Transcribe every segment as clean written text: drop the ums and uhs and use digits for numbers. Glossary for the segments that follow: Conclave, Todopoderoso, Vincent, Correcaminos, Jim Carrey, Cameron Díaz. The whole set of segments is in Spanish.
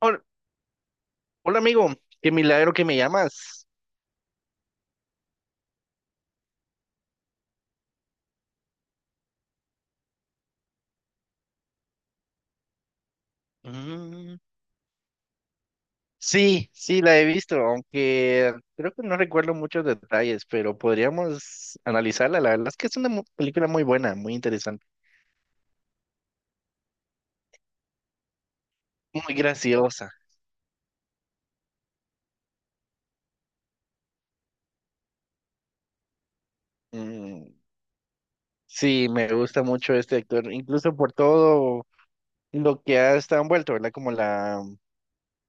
Hola, hola, amigo, qué milagro que me llamas. Mm, sí, sí, la he visto, aunque creo que no recuerdo muchos detalles, pero podríamos analizarla. La verdad es que es una película muy buena, muy interesante, muy graciosa. Mm, sí, me gusta mucho este actor, incluso por todo lo que ha estado envuelto, ¿verdad? Como la,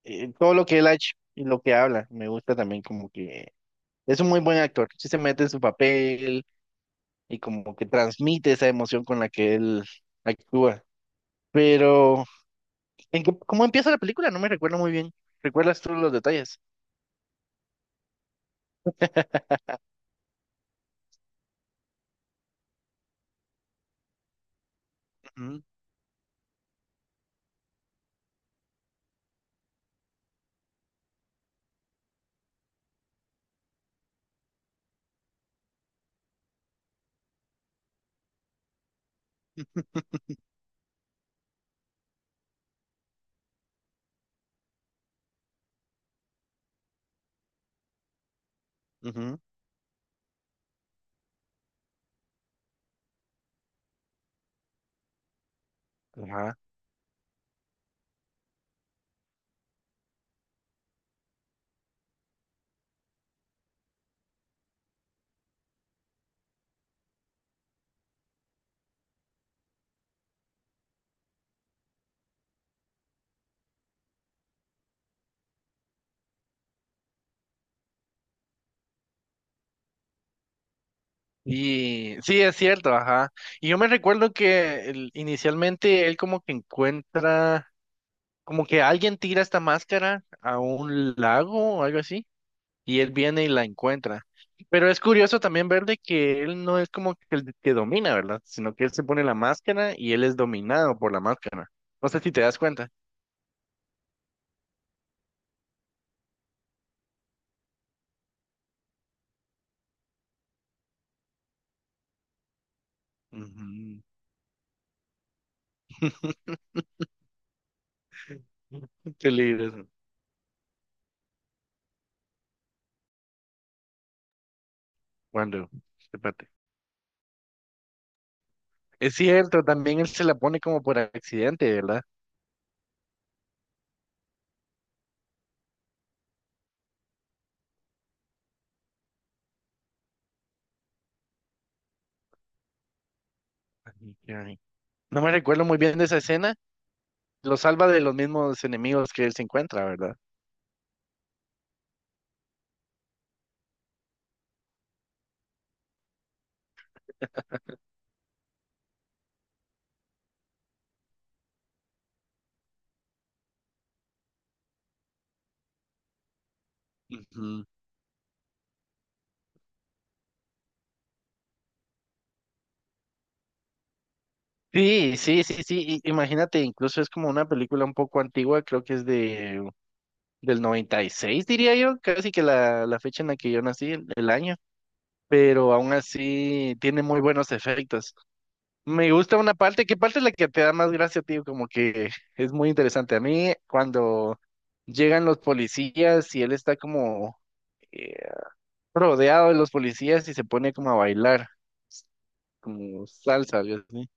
eh, Todo lo que él ha hecho y lo que habla, me gusta también como que es un muy buen actor, sí se mete en su papel y como que transmite esa emoción con la que él actúa. Pero, cómo empieza la película? No me recuerdo muy bien. ¿Recuerdas tú los detalles? Ujú, ujú, ajá. Y sí, es cierto, ajá. Y yo me recuerdo que inicialmente él como que alguien tira esta máscara a un lago o algo así, y él viene y la encuentra. Pero es curioso también ver de que él no es como que el que domina, ¿verdad? Sino que él se pone la máscara y él es dominado por la máscara. No sé si te das cuenta. Ujú. Qué lindo eso. Cuando, Espérate. Es cierto, también él se la pone como por accidente, ¿verdad? Ay, qué ay. No me recuerdo muy bien de esa escena. Lo salva de los mismos enemigos que él se encuentra, ¿verdad? Ujú. Sí, sí, sí, sí. Imagínate, incluso es como una película un poco antigua, creo que es de del 96 diría yo, casi que la fecha en la que yo nací, el año, pero aún así tiene muy buenos efectos. Me gusta una parte, ¿qué parte es la que te da más gracia, tío? Como que es muy interesante. A mí, cuando llegan los policías y él está como eh, rodeado de los policías y se pone como a bailar, como salsa, algo así.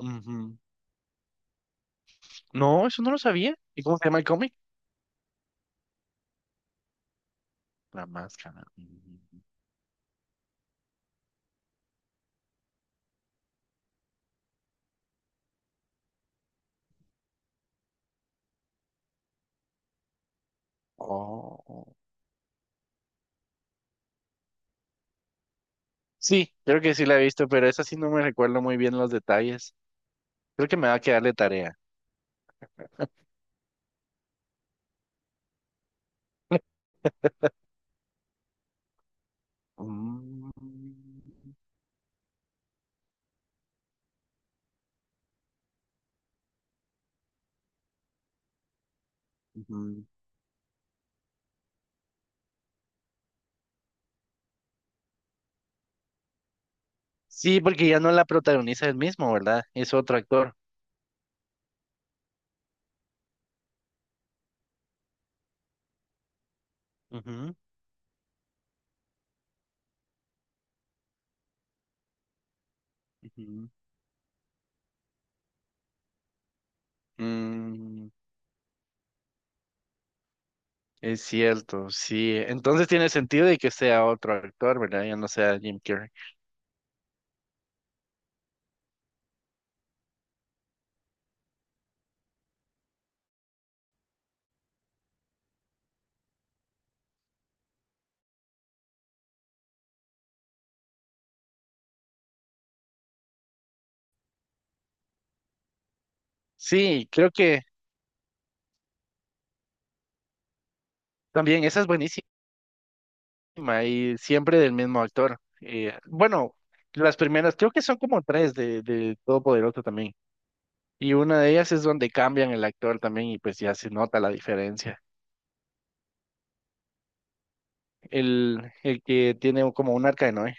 Ujú. No, eso no lo sabía. ¿Y cómo se llama el cómic? La máscara. Ujú. Oh. Sí, creo que sí la he visto, pero esa sí no me recuerdo muy bien los detalles. Creo que me va a quedar de tarea. Mm, ujú. Sí, porque ya no la protagoniza él mismo, ¿verdad? Es otro actor. Ujú, ujú. Mm, es cierto, sí. Entonces tiene sentido de que sea otro actor, ¿verdad? Ya no sea Jim Carrey. Sí, creo que también esa es buenísima y siempre del mismo actor. Bueno, las primeras, creo que son como tres de Todopoderoso también. Y una de ellas es donde cambian el actor también y pues ya se nota la diferencia. El que tiene como un arca de Noé.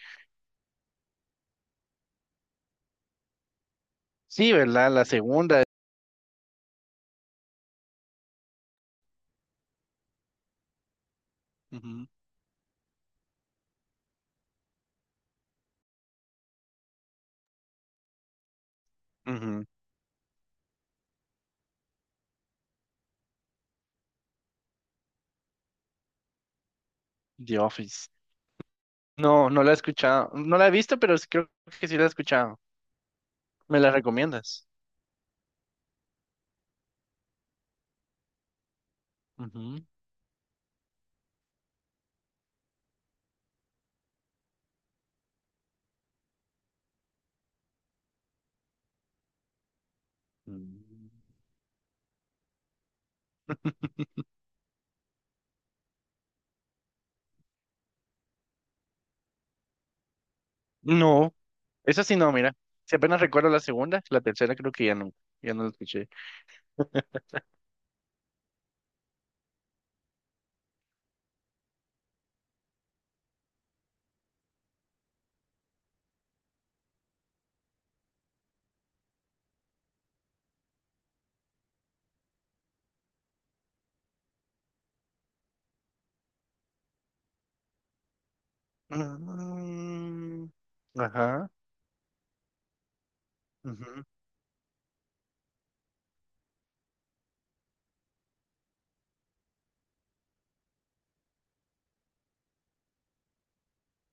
Sí, ¿verdad? La segunda. Ujú, ujú, The Office. No, no la he escuchado. No la he visto, pero sí creo que sí la he escuchado. ¿Me la recomiendas? Ujú. Mm. No, esa sí no, mira. Si apenas recuerdo la segunda, la tercera creo que ya no, ya no la escuché. Mm, ajá, ujú.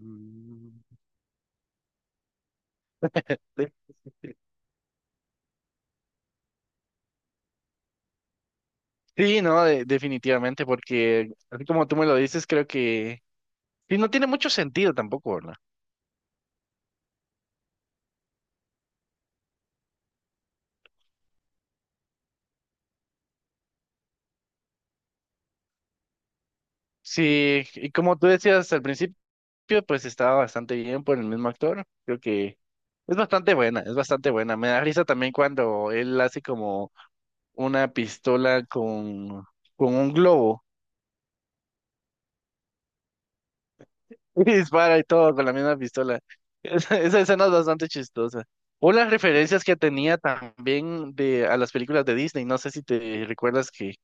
Mm. Sí, no, definitivamente, porque así como tú me lo dices, creo que sí, no tiene mucho sentido tampoco, ¿verdad? Sí, y como tú decías al principio, pues estaba bastante bien por el mismo actor, creo que es bastante buena, es bastante buena. Me da risa también cuando él hace como una pistola con un globo, y dispara y todo con la misma pistola. Esa escena es bastante chistosa. O las referencias que tenía también de a las películas de Disney, no sé si te recuerdas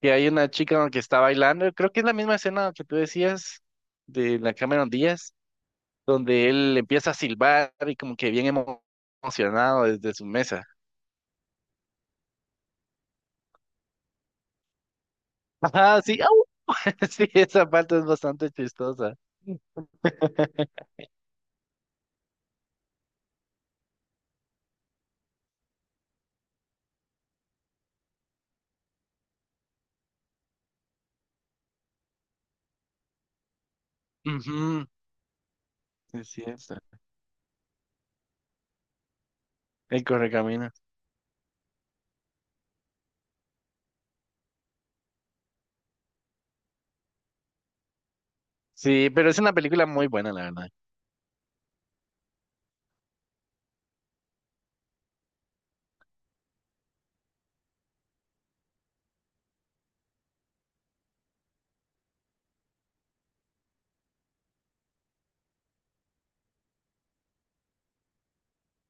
que hay una chica que está bailando, creo que es la misma escena que tú decías de la Cameron Díaz, donde él empieza a silbar y como que bien emocionado desde su mesa. Ajá, sí, au. Sí, esa parte es bastante chistosa. Ujú, es cierto. El Correcaminos. Sí, pero es una película muy buena, la verdad.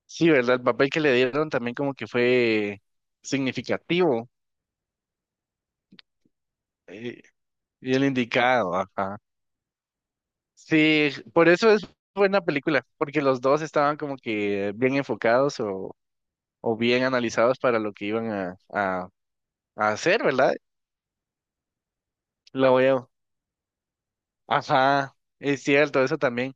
Sí, ¿verdad? El papel que le dieron también como que fue significativo eh, y el indicado, ajá. Sí, por eso es buena película, porque los dos estaban como que bien enfocados o bien analizados para lo que iban a hacer, ¿verdad? Lo a, Ajá, es cierto, eso también.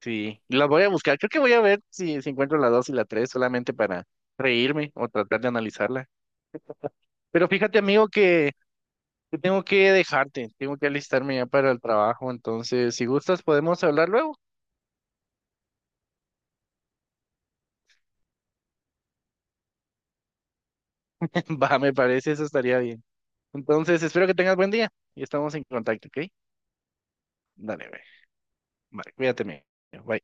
Sí, la voy a buscar. Creo que voy a ver si, si encuentro la 2 y la 3 solamente para reírme o tratar de analizarla. Pero fíjate, amigo, que tengo que dejarte, tengo que alistarme ya para el trabajo, entonces si gustas podemos hablar luego. Va, me parece, eso estaría bien. Entonces, espero que tengas buen día y estamos en contacto, ¿ok? Dale, güey. Vale, cuídate, Bye.